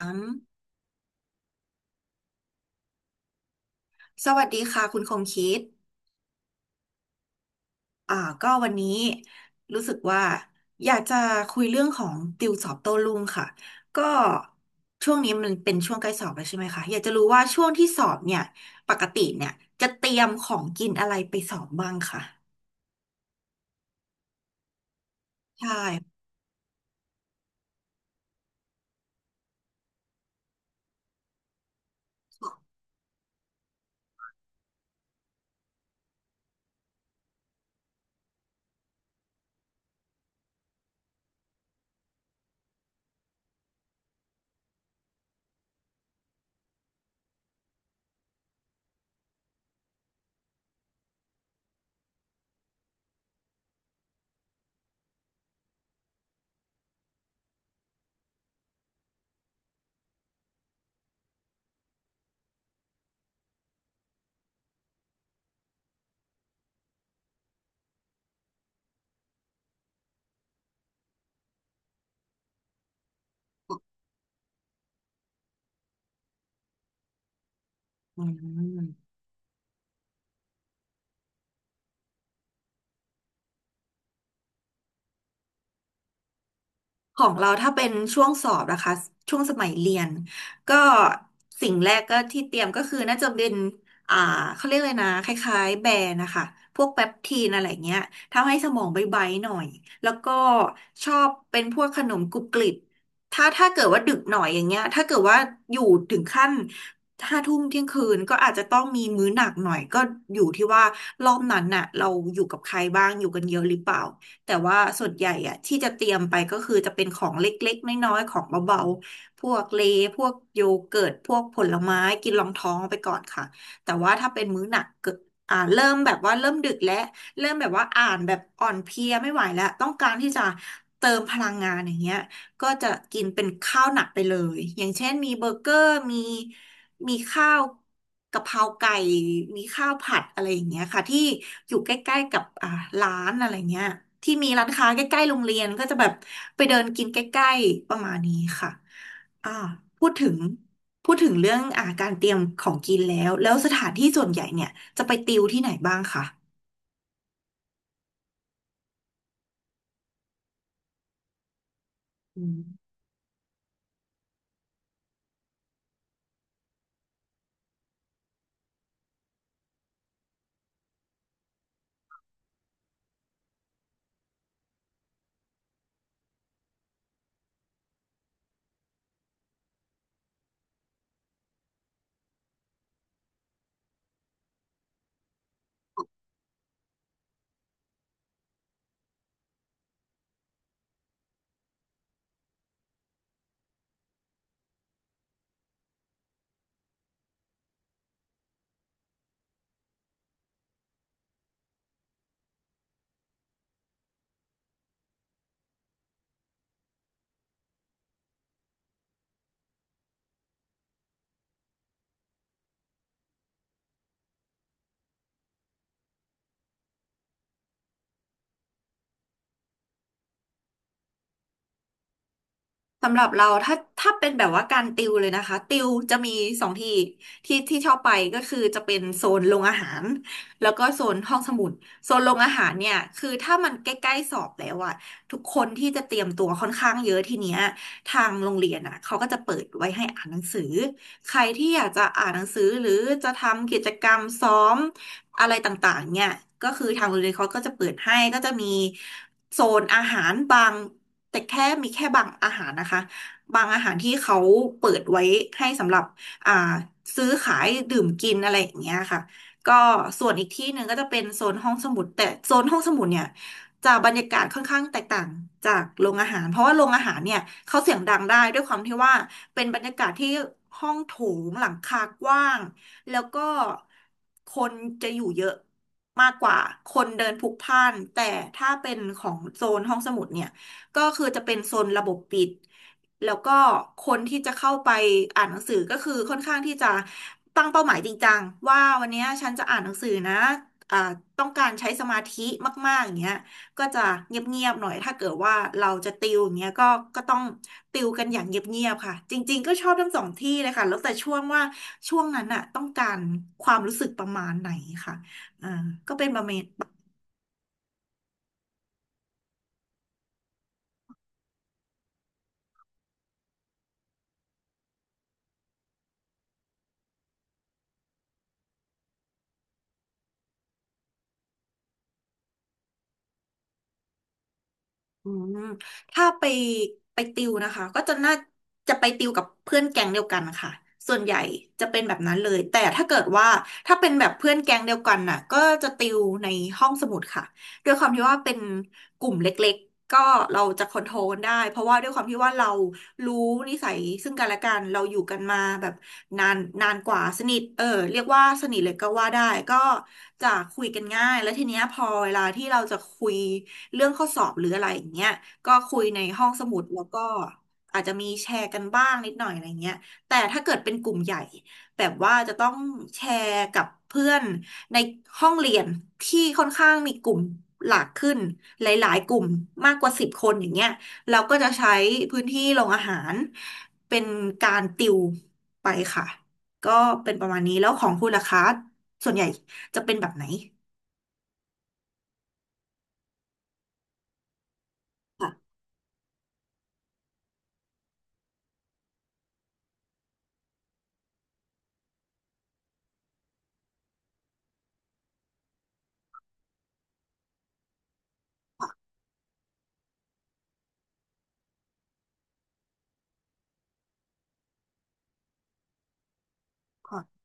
อืมสวัสดีค่ะคุณคงคิดอ่าก็วันนี้รู้สึกว่าอยากจะคุยเรื่องของติวสอบโต้รุ่งค่ะ ก็ช่วงนี้มันเป็นช่วงใกล้สอบแล้วใช่ไหมคะ อยากจะรู้ว่าช่วงที่สอบเนี่ยปกติเนี่ยจะเตรียมของกินอะไรไปสอบบ้างค่ะ ใช่อืม ของเราถ้าเป็นช่วงสอบนะคะช่วงสมัยเรียนก็สิ่งแรกก็ที่เตรียมก็คือน่าจะเป็นอ่าเขาเรียกเลยนะคล้ายๆแบรนด์นะคะพวกแปปทีนอะไรเงี้ยทำให้สมองใบๆหน่อยแล้วก็ชอบเป็นพวกขนมกรุบกริบถ้าเกิดว่าดึกหน่อยอย่างเงี้ยถ้าเกิดว่าอยู่ถึงขั้นห้าทุ่มเที่ยงคืนก็อาจจะต้องมีมื้อหนักหน่อยก็อยู่ที่ว่ารอบนั้นน่ะเราอยู่กับใครบ้างอยู่กันเยอะหรือเปล่า แต่ว่าส่วนใหญ่อะที่จะเตรียมไปก็คือจะเป็นของเล็กๆน้อยๆของเบาๆพวกเลย์พวกโยเกิร์ตพวกผลไม้กินรองท้องไปก่อนค่ะแต่ว่าถ้าเป็นมื้อหนักเกิดเริ่มแบบว่าเริ่มดึกแล้วเริ่มแบบว่าอ่านแบบอ่อนเพลียไม่ไหวแล้วต้องการที่จะเติมพลังงานอย่างเงี้ย ก็จะกินเป็นข้าวหนักไปเลยอย่างเช่นมีเบอร์เกอร์มีข้าวกะเพราไก่มีข้าวผัดอะไรอย่างเงี้ยค่ะที่อยู่ใกล้ๆกับร้านอะไรเงี้ยที่มีร้านค้าใกล้ๆโรงเรียนก็จะแบบไปเดินกินใกล้ๆประมาณนี้ค่ะอ่าพูดถึงพูดถึงเรื่องการเตรียมของกินแล้วแล้วสถานที่ส่วนใหญ่เนี่ยจะไปติวที่ไหนบ้างคะอืม สำหรับเราถ้าเป็นแบบว่าการติวเลยนะคะติวจะมีสองที่ที่ที่ชอบไปก็คือจะเป็นโซนโรงอาหารแล้วก็โซนห้องสมุดโซนโรงอาหารเนี่ยคือถ้ามันใกล้ๆสอบแล้วอะทุกคนที่จะเตรียมตัวค่อนข้างเยอะทีเนี้ยทางโรงเรียนอะเขาก็จะเปิดไว้ให้อ่านหนังสือใครที่อยากจะอ่านหนังสือหรือจะทำกิจกรรมซ้อมอะไรต่างๆเนี่ยก็คือทางโรงเรียนเขาก็จะเปิดให้ก็จะมีโซนอาหารบาง แต่แค่มีแค่บางอาหารนะคะบางอาหารที่เขาเปิดไว้ให้สำหรับอ่าซื้อขายดื่มกินอะไรอย่างเงี้ยค่ะก็ส่วนอีกที่หนึ่งก็จะเป็นโซนห้องสมุดแต่โซนห้องสมุดเนี่ยจะบรรยากาศค่อนข้างแตกต่างจากโรงอาหารเพราะว่าโรงอาหารเนี่ยเขาเสียงดังได้ด้วยความที่ว่าเป็นบรรยากาศที่ห้องโถงหลังคากว้างแล้วก็คนจะอยู่เยอะมากกว่าคนเดินพลุกพล่านแต่ถ้าเป็นของโซนห้องสมุดเนี่ย ก็คือจะเป็นโซนระบบปิดแล้วก็คนที่จะเข้าไปอ่านหนังสือก็คือค่อนข้างที่จะตั้งเป้าหมายจริงจังว่าวันเนี้ยฉันจะอ่านหนังสือนะอ่าต้องการใช้สมาธิมากๆอย่างเงี้ยก็จะเงียบๆหน่อยถ้าเกิดว่าเราจะติวอย่างเงี้ยก็ต้องติวกันอย่างเงียบๆค่ะจริงๆก็ชอบทั้งสองที่เลยค่ะแล้วแต่ช่วงว่าช่วงนั้นน่ะต้องการความรู้สึกประมาณไหนค่ะอ่าก็เป็นประมาณ อืมถ้าไปติวนะคะก็จะน่าจะไปติวกับเพื่อนแก๊งเดียวกันค่ะส่วนใหญ่จะเป็นแบบนั้นเลยแต่ถ้าเกิดว่าถ้าเป็นแบบเพื่อนแก๊งเดียวกันน่ะก็จะติวในห้องสมุดค่ะด้วยความที่ว่าเป็นกลุ่มเล็กๆก็เราจะคอนโทรลได้เพราะว่าด้วยความที่ว่าเรารู้นิสัยซึ่งกันและกันเราอยู่กันมาแบบ นานนานกว่าสนิทเออเรียกว่าสนิทเลยก็ว่าได้ก็จะคุยกันง่ายแล้วทีเนี้ยพอเวลาที่เราจะคุยเรื่องข้อสอบหรืออะไรอย่างเงี้ยก็คุยในห้องสมุดแล้วก็อาจจะมีแชร์กันบ้างนิดหน่อยอะไรเงี้ยแต่ถ้าเกิดเป็นกลุ่มใหญ่แบบว่าจะต้องแชร์กับเพื่อนในห้องเรียนที่ค่อนข้างมีกลุ่มหลากขึ้นหลายๆกลุ่มมากกว่า10 คนอย่างเงี้ย เราก็จะใช้พื้นที่โรงอาหารเป็นการติวไปค่ะก็เป็นประมาณนี้แล้วของคุณล่ะคะส่วนใหญ่จะเป็นแบบไหนค่ะขอ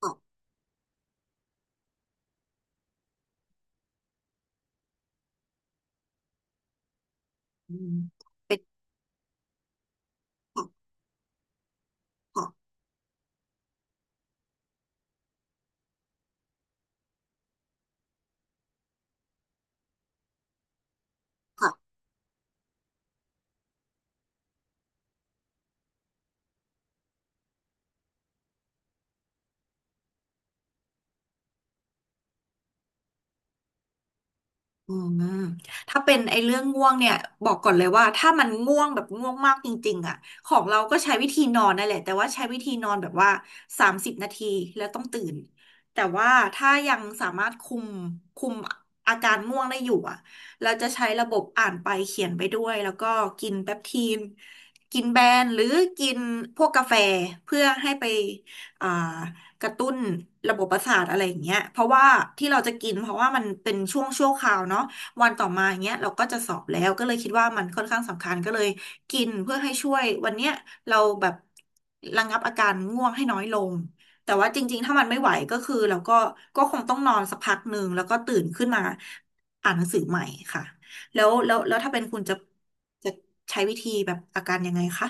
ตอบอืมเป็นขอ อืมถ้าเป็นไอ้เรื่องง่วงเนี่ยบอกก่อนเลยว่าถ้ามันง่วงแบบง่วงมากจริงๆอ่ะของเราก็ใช้วิธีนอนนั่นแหละแต่ว่าใช้วิธีนอนแบบว่า30 นาทีแล้วต้องตื่นแต่ว่าถ้ายังสามารถคุมอาการง่วงได้อยู่อ่ะเราจะใช้ระบบอ่านไปเขียนไปด้วยแล้วก็กินแปปทีนกินแบนหรือกินพวกกาแฟเพื่อให้ไปอ่า กระตุ้นระบบประสาทอะไรอย่างเงี้ยเพราะว่าที่เราจะกินเพราะว่ามันเป็นช่วงชั่วคราวเนาะวันต่อมาอย่างเงี้ยเราก็จะสอบแล้วก็เลยคิดว่ามันค่อนข้างสำคัญก็เลยกินเพื่อให้ช่วยวันเนี้ยเราแบบระงับอาการง่วงให้น้อยลงแต่ว่าจริงๆถ้ามันไม่ไหวก็คือเราก็ก็คงต้องนอนสักพักหนึ่งแล้วก็ตื่นขึ้นมาอ่านหนังสือใหม่ค่ะแล้วถ้าเป็นคุณจะจะใช้วิธีแบบอาการยังไงคะ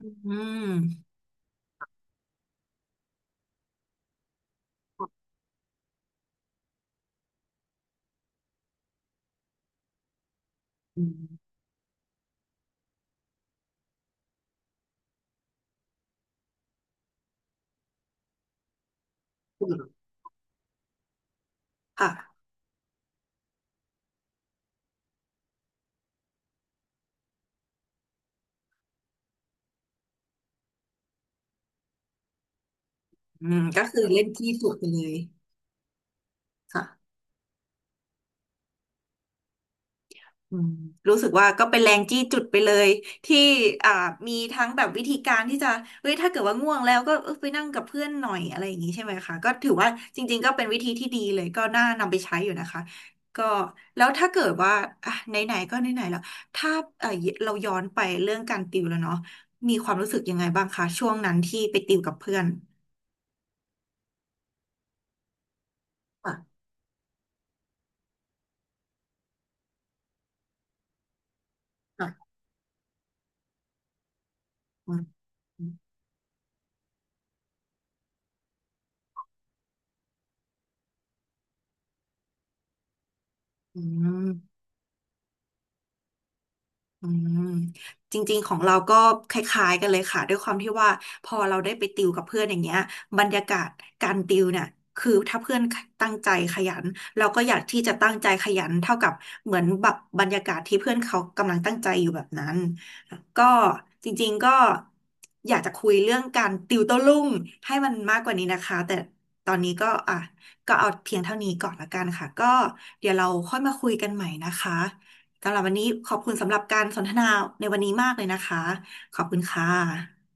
อืมอืมค่ะ อืมก็คือเล่นจี้จุดไปเลยค่ะอืมรู้สึกว่าก็เป็นแรงจี้จุดไปเลยที่อ่ามีทั้งแบบวิธีการที่จะเฮ้ยถ้าเกิดว่าง่วงแล้วก็เออไปนั่งกับเพื่อนหน่อยอะไรอย่างนี้ใช่ไหมคะก็ถือว่าจริงๆก็เป็นวิธีที่ดีเลยก็น่านำไปใช้อยู่นะคะก็แล้วถ้าเกิดว่าอ่ะไหนๆก็ไหนๆแล้วถ้าเออเราย้อนไปเรื่องการติวแล้วเนาะมีความรู้สึกยังไงบ้างคะช่วงนั้นที่ไปติวกับเพื่อนค่ะค่ะอืมอืม อืมจริงๆของเราก็คล้ายๆกันเลยค่ะด้วยความที่ว่าพอเราได้ไปติวกับเพื่อนอย่างเงี้ยบรรยากาศการติวเนี่ยคือถ้าเพื่อนตั้งใจขยันเราก็อยากที่จะตั้งใจขยันเท่ากับเหมือนแบบบรรยากาศที่เพื่อนเขากำลังตั้งใจอยู่แบบนั้นก็จริงๆก็อยากจะคุยเรื่องการติวโต้รุ่งให้มันมากกว่านี้นะคะแต่ตอนนี้ก็อ่ะก็เอาเพียงเท่านี้ก่อนละกันค่ะก็เดี๋ยวเราค่อยมาคุยกันใหม่นะคะ สำหรับวันนี้ขอบคุณสำหรับการสนทนาในวันนี้มากเลยนะคะขอบคุณค่ะ